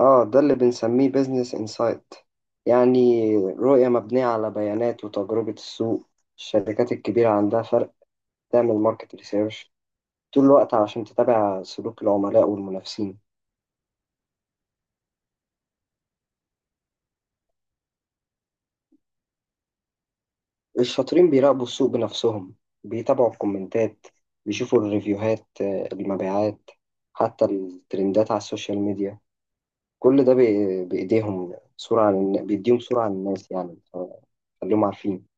اه، ده اللي بنسميه بيزنس انسايت. يعني رؤية مبنية على بيانات وتجربة السوق. الشركات الكبيرة عندها فرق تعمل ماركت ريسيرش طول الوقت علشان تتابع سلوك العملاء والمنافسين. الشاطرين بيراقبوا السوق بنفسهم، بيتابعوا الكومنتات، بيشوفوا الريفيوهات، المبيعات، حتى الترندات على السوشيال ميديا. كل ده بإيديهم صورة عن بيديهم صورة عن الناس، يعني، خليهم عارفين.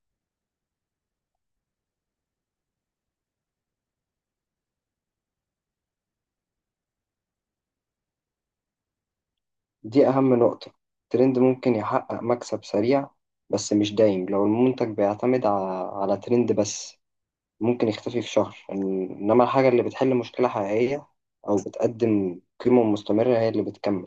دي أهم نقطة. الترند ممكن يحقق مكسب سريع، بس مش دايم. لو المنتج بيعتمد على ترند بس، ممكن يختفي في شهر. إنما الحاجة اللي بتحل مشكلة حقيقية أو بتقدم قيمة مستمرة هي اللي بتكمل.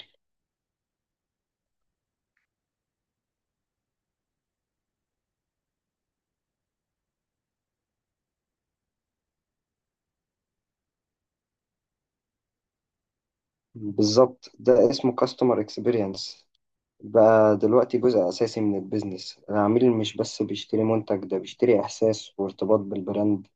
بالظبط، ده اسمه كاستمر اكسبيرينس. بقى دلوقتي جزء أساسي من البيزنس. العميل مش بس بيشتري منتج، ده بيشتري إحساس وارتباط بالبراند.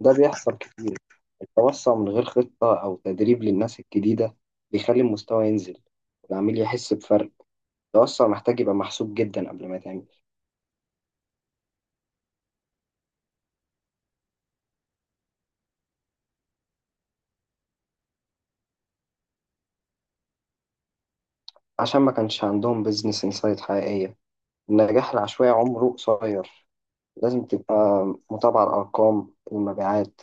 ده بيحصل كتير. التوسع من غير خطة أو تدريب للناس الجديدة بيخلي المستوى ينزل والعميل يحس بفرق. التوسع محتاج يبقى محسوب جدا قبل ما يتعمل. عشان ما كانش عندهم بيزنس انسايت حقيقية. النجاح العشوائي عمره قصير. لازم تبقى متابعة الأرقام، المبيعات،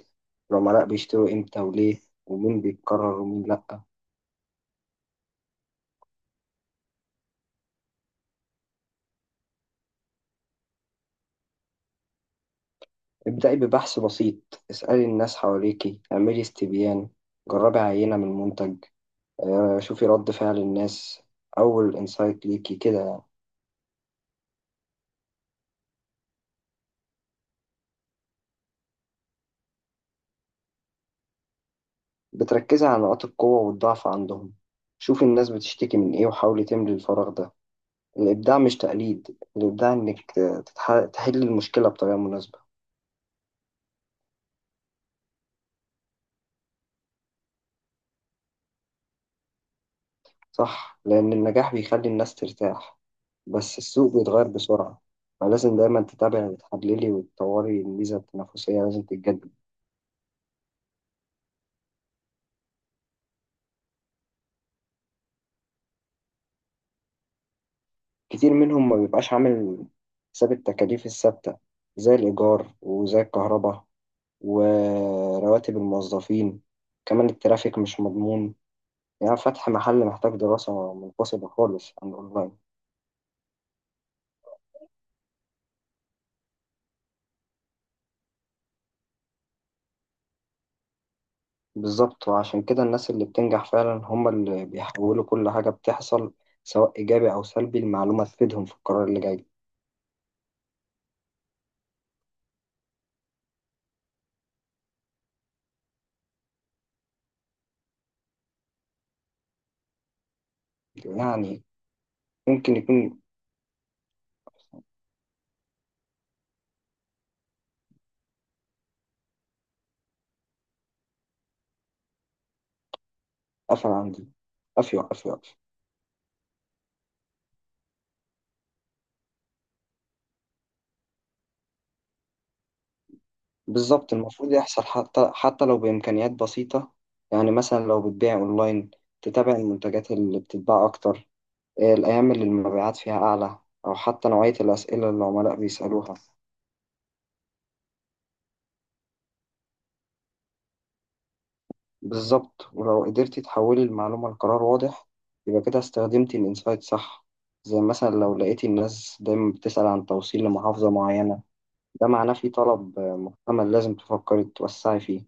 العملاء بيشتروا إمتى وليه، ومين بيتكرر ومين لأ. ابدأي ببحث بسيط، اسألي الناس حواليكي، اعملي استبيان، جربي عينة من منتج، شوفي رد فعل الناس. أول إنسايت ليكي كده يعني. بتركزي على نقاط القوة والضعف عندهم. شوفي الناس بتشتكي من إيه وحاولي تملي الفراغ ده. الإبداع مش تقليد، الإبداع إنك تحلي المشكلة بطريقة مناسبة. صح، لأن النجاح بيخلي الناس ترتاح، بس السوق بيتغير بسرعة. فلازم دايما تتابعي وتحللي وتطوري. الميزة التنافسية لازم تتجدد. كتير منهم ما بيبقاش عامل حساب التكاليف الثابتة زي الإيجار وزي الكهرباء ورواتب الموظفين. كمان الترافيك مش مضمون. يعني فتح محل محتاج دراسة منفصلة خالص عن الأونلاين. بالظبط، وعشان كده الناس اللي بتنجح فعلا هم اللي بيحولوا كل حاجة بتحصل، سواء إيجابي أو سلبي، المعلومة تفيدهم في القرار اللي جاي. يعني، ممكن يكون. قفل عندي، قفل قفل قفل. بالظبط، المفروض يحصل. حتى لو بإمكانيات بسيطة. يعني مثلا لو بتبيع أونلاين، تتابع المنتجات اللي بتتباع أكتر، الأيام اللي المبيعات فيها أعلى، أو حتى نوعية الأسئلة اللي العملاء بيسألوها. بالظبط، ولو قدرتي تحولي المعلومة لقرار واضح، يبقى كده استخدمتي الإنسايت صح. زي مثلا لو لقيتي الناس دايما بتسأل عن توصيل لمحافظة معينة، ده معناه في طلب محتمل، لازم تفكري توسعي فيه.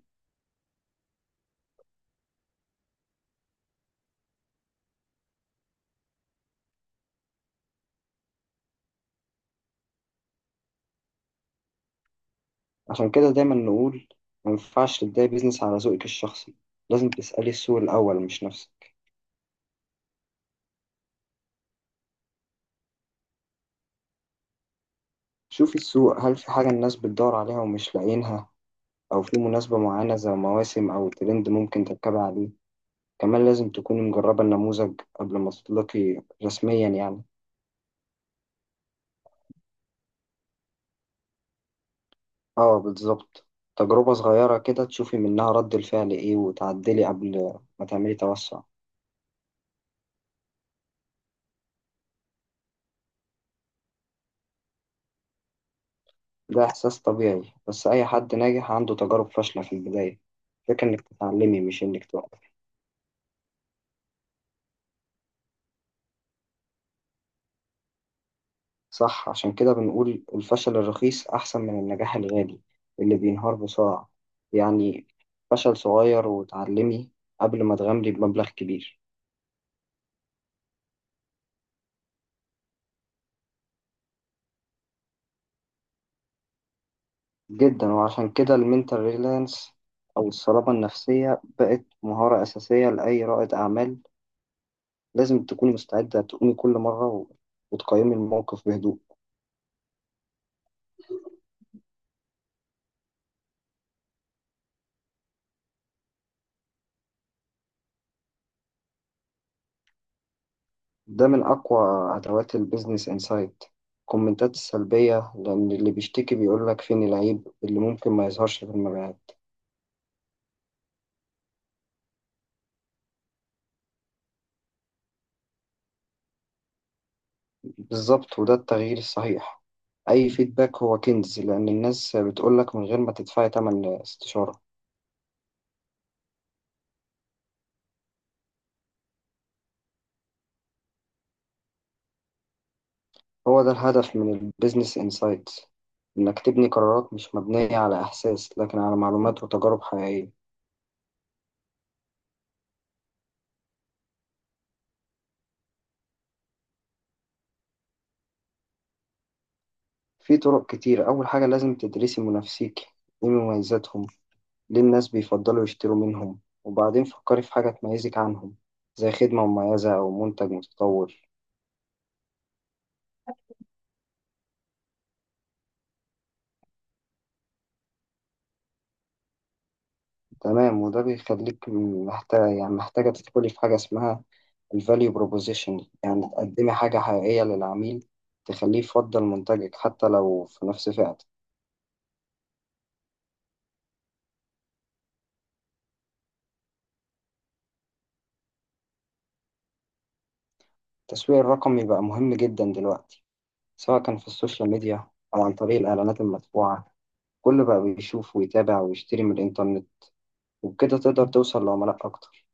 عشان كده دايما نقول ما ينفعش تبدأي بيزنس على ذوقك الشخصي. لازم تسألي السوق الأول مش نفسك. شوفي السوق، هل في حاجة الناس بتدور عليها ومش لاقيينها؟ أو في مناسبة معينة زي مواسم أو ترند ممكن تركبي عليه؟ كمان لازم تكوني مجربة النموذج قبل ما تطلقي رسميا يعني. اه، بالظبط. تجربة صغيرة كده تشوفي منها رد الفعل ايه وتعدلي قبل ما تعملي توسع. ده إحساس طبيعي، بس أي حد ناجح عنده تجارب فاشلة في البداية. الفكرة إنك تتعلمي مش إنك توقفي. صح، عشان كده بنقول الفشل الرخيص أحسن من النجاح الغالي اللي بينهار بسرعة. يعني فشل صغير وتعلمي قبل ما تغامري بمبلغ كبير. جدا، وعشان كده المنتال ريلانس أو الصلابة النفسية بقت مهارة أساسية لأي رائد أعمال. لازم تكوني مستعدة تقومي كل مرة وتقيمي الموقف بهدوء. ده من أقوى أدوات البيزنس إنسايت، الكومنتات السلبية، لأن اللي بيشتكي بيقولك فين العيب اللي ممكن ما يظهرش في المبيعات. بالظبط، وده التغيير الصحيح. أي فيدباك هو كنز، لأن الناس بتقولك من غير ما تدفعي تمن استشارة. هو ده الهدف من البيزنس انسايت، إنك تبني قرارات مش مبنية على إحساس، لكن على معلومات وتجارب حقيقية. في طرق كتير. أول حاجة لازم تدرسي منافسيك، إيه مميزاتهم، ليه الناس بيفضلوا يشتروا منهم، وبعدين فكري في حاجة تميزك عنهم، زي خدمة مميزة أو منتج متطور. تمام، وده بيخليك محتاجة، يعني محتاجة، تدخلي في حاجة اسمها الفاليو بروبوزيشن، يعني تقدمي حاجة حقيقية للعميل تخليه يفضل منتجك حتى لو في نفس فئته. التسويق الرقمي بقى مهم جدا دلوقتي، سواء كان في السوشيال ميديا أو عن طريق الإعلانات المدفوعة. كل بقى بيشوف ويتابع ويشتري من الإنترنت، وبكده تقدر توصل لعملاء أكتر.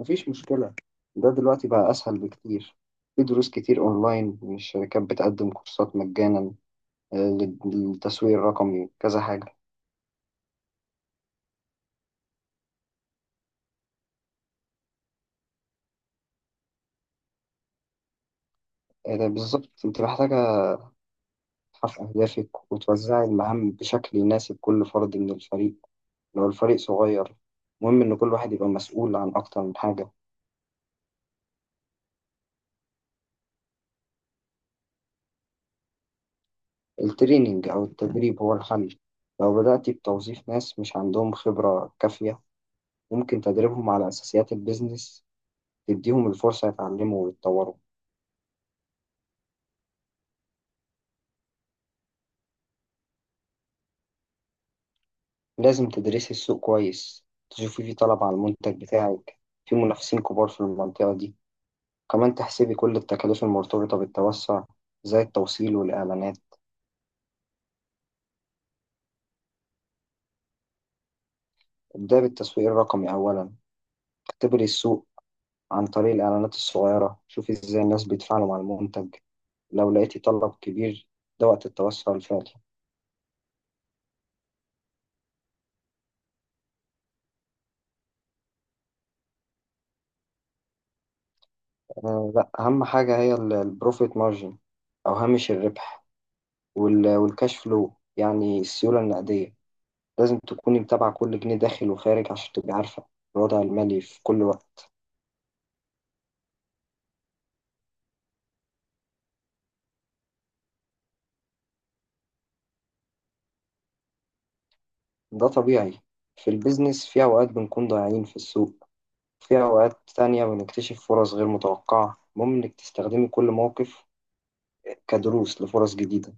مفيش مشكلة، ده دلوقتي بقى أسهل بكتير. في دروس كتير أونلاين، والشركات بتقدم كورسات مجانا آه، للتسويق الرقمي وكذا حاجة. ده بالظبط. أنت محتاجة تحقق أهدافك وتوزع المهام بشكل يناسب كل فرد من الفريق. لو الفريق صغير، مهم إن كل واحد يبقى مسؤول عن أكتر من حاجة. التريننج أو التدريب هو الحل. لو بدأت بتوظيف ناس مش عندهم خبرة كافية، ممكن تدريبهم على أساسيات البيزنس، تديهم الفرصة يتعلموا ويتطوروا. لازم تدرسي السوق كويس، تشوفي في طلب على المنتج بتاعك، في منافسين كبار في المنطقة دي. كمان تحسبي كل التكاليف المرتبطة بالتوسع زي التوصيل والإعلانات. ابدأ بالتسويق الرقمي أولا، اختبري السوق عن طريق الإعلانات الصغيرة، شوفي إزاي الناس بيتفاعلوا مع المنتج. لو لقيتي طلب كبير، ده وقت التوسع الفعلي. آه لا، أهم حاجة هي البروفيت مارجن أو هامش الربح، والكاش فلو يعني السيولة النقدية. لازم تكوني متابعة كل جنيه داخل وخارج عشان تبقي عارفة الوضع المالي في كل وقت. ده طبيعي. في البيزنس في أوقات بنكون ضايعين في السوق، في أوقات تانية بنكتشف فرص غير متوقعة. المهم إنك تستخدمي كل موقف كدروس لفرص جديدة.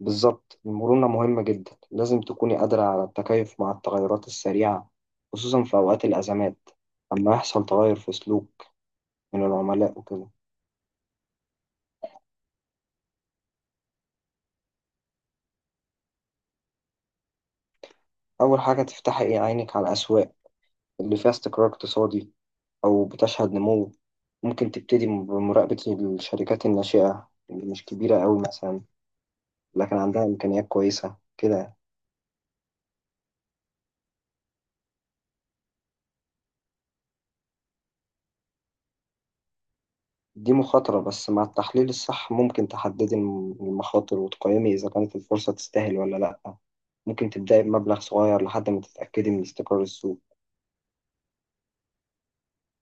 بالظبط، المرونة مهمة جدا. لازم تكوني قادرة على التكيف مع التغيرات السريعة، خصوصا في أوقات الأزمات، لما يحصل تغير في سلوك من العملاء وكده. أول حاجة، تفتحي إيه عينك على الأسواق اللي فيها استقرار اقتصادي أو بتشهد نمو. ممكن تبتدي بمراقبة الشركات الناشئة اللي مش كبيرة أوي مثلا، لكن عندها إمكانيات كويسة كده. دي مخاطرة، بس مع التحليل الصح ممكن تحددي المخاطر وتقيمي إذا كانت الفرصة تستاهل ولا لأ. ممكن تبدأي بمبلغ صغير لحد ما تتأكدي من استقرار السوق.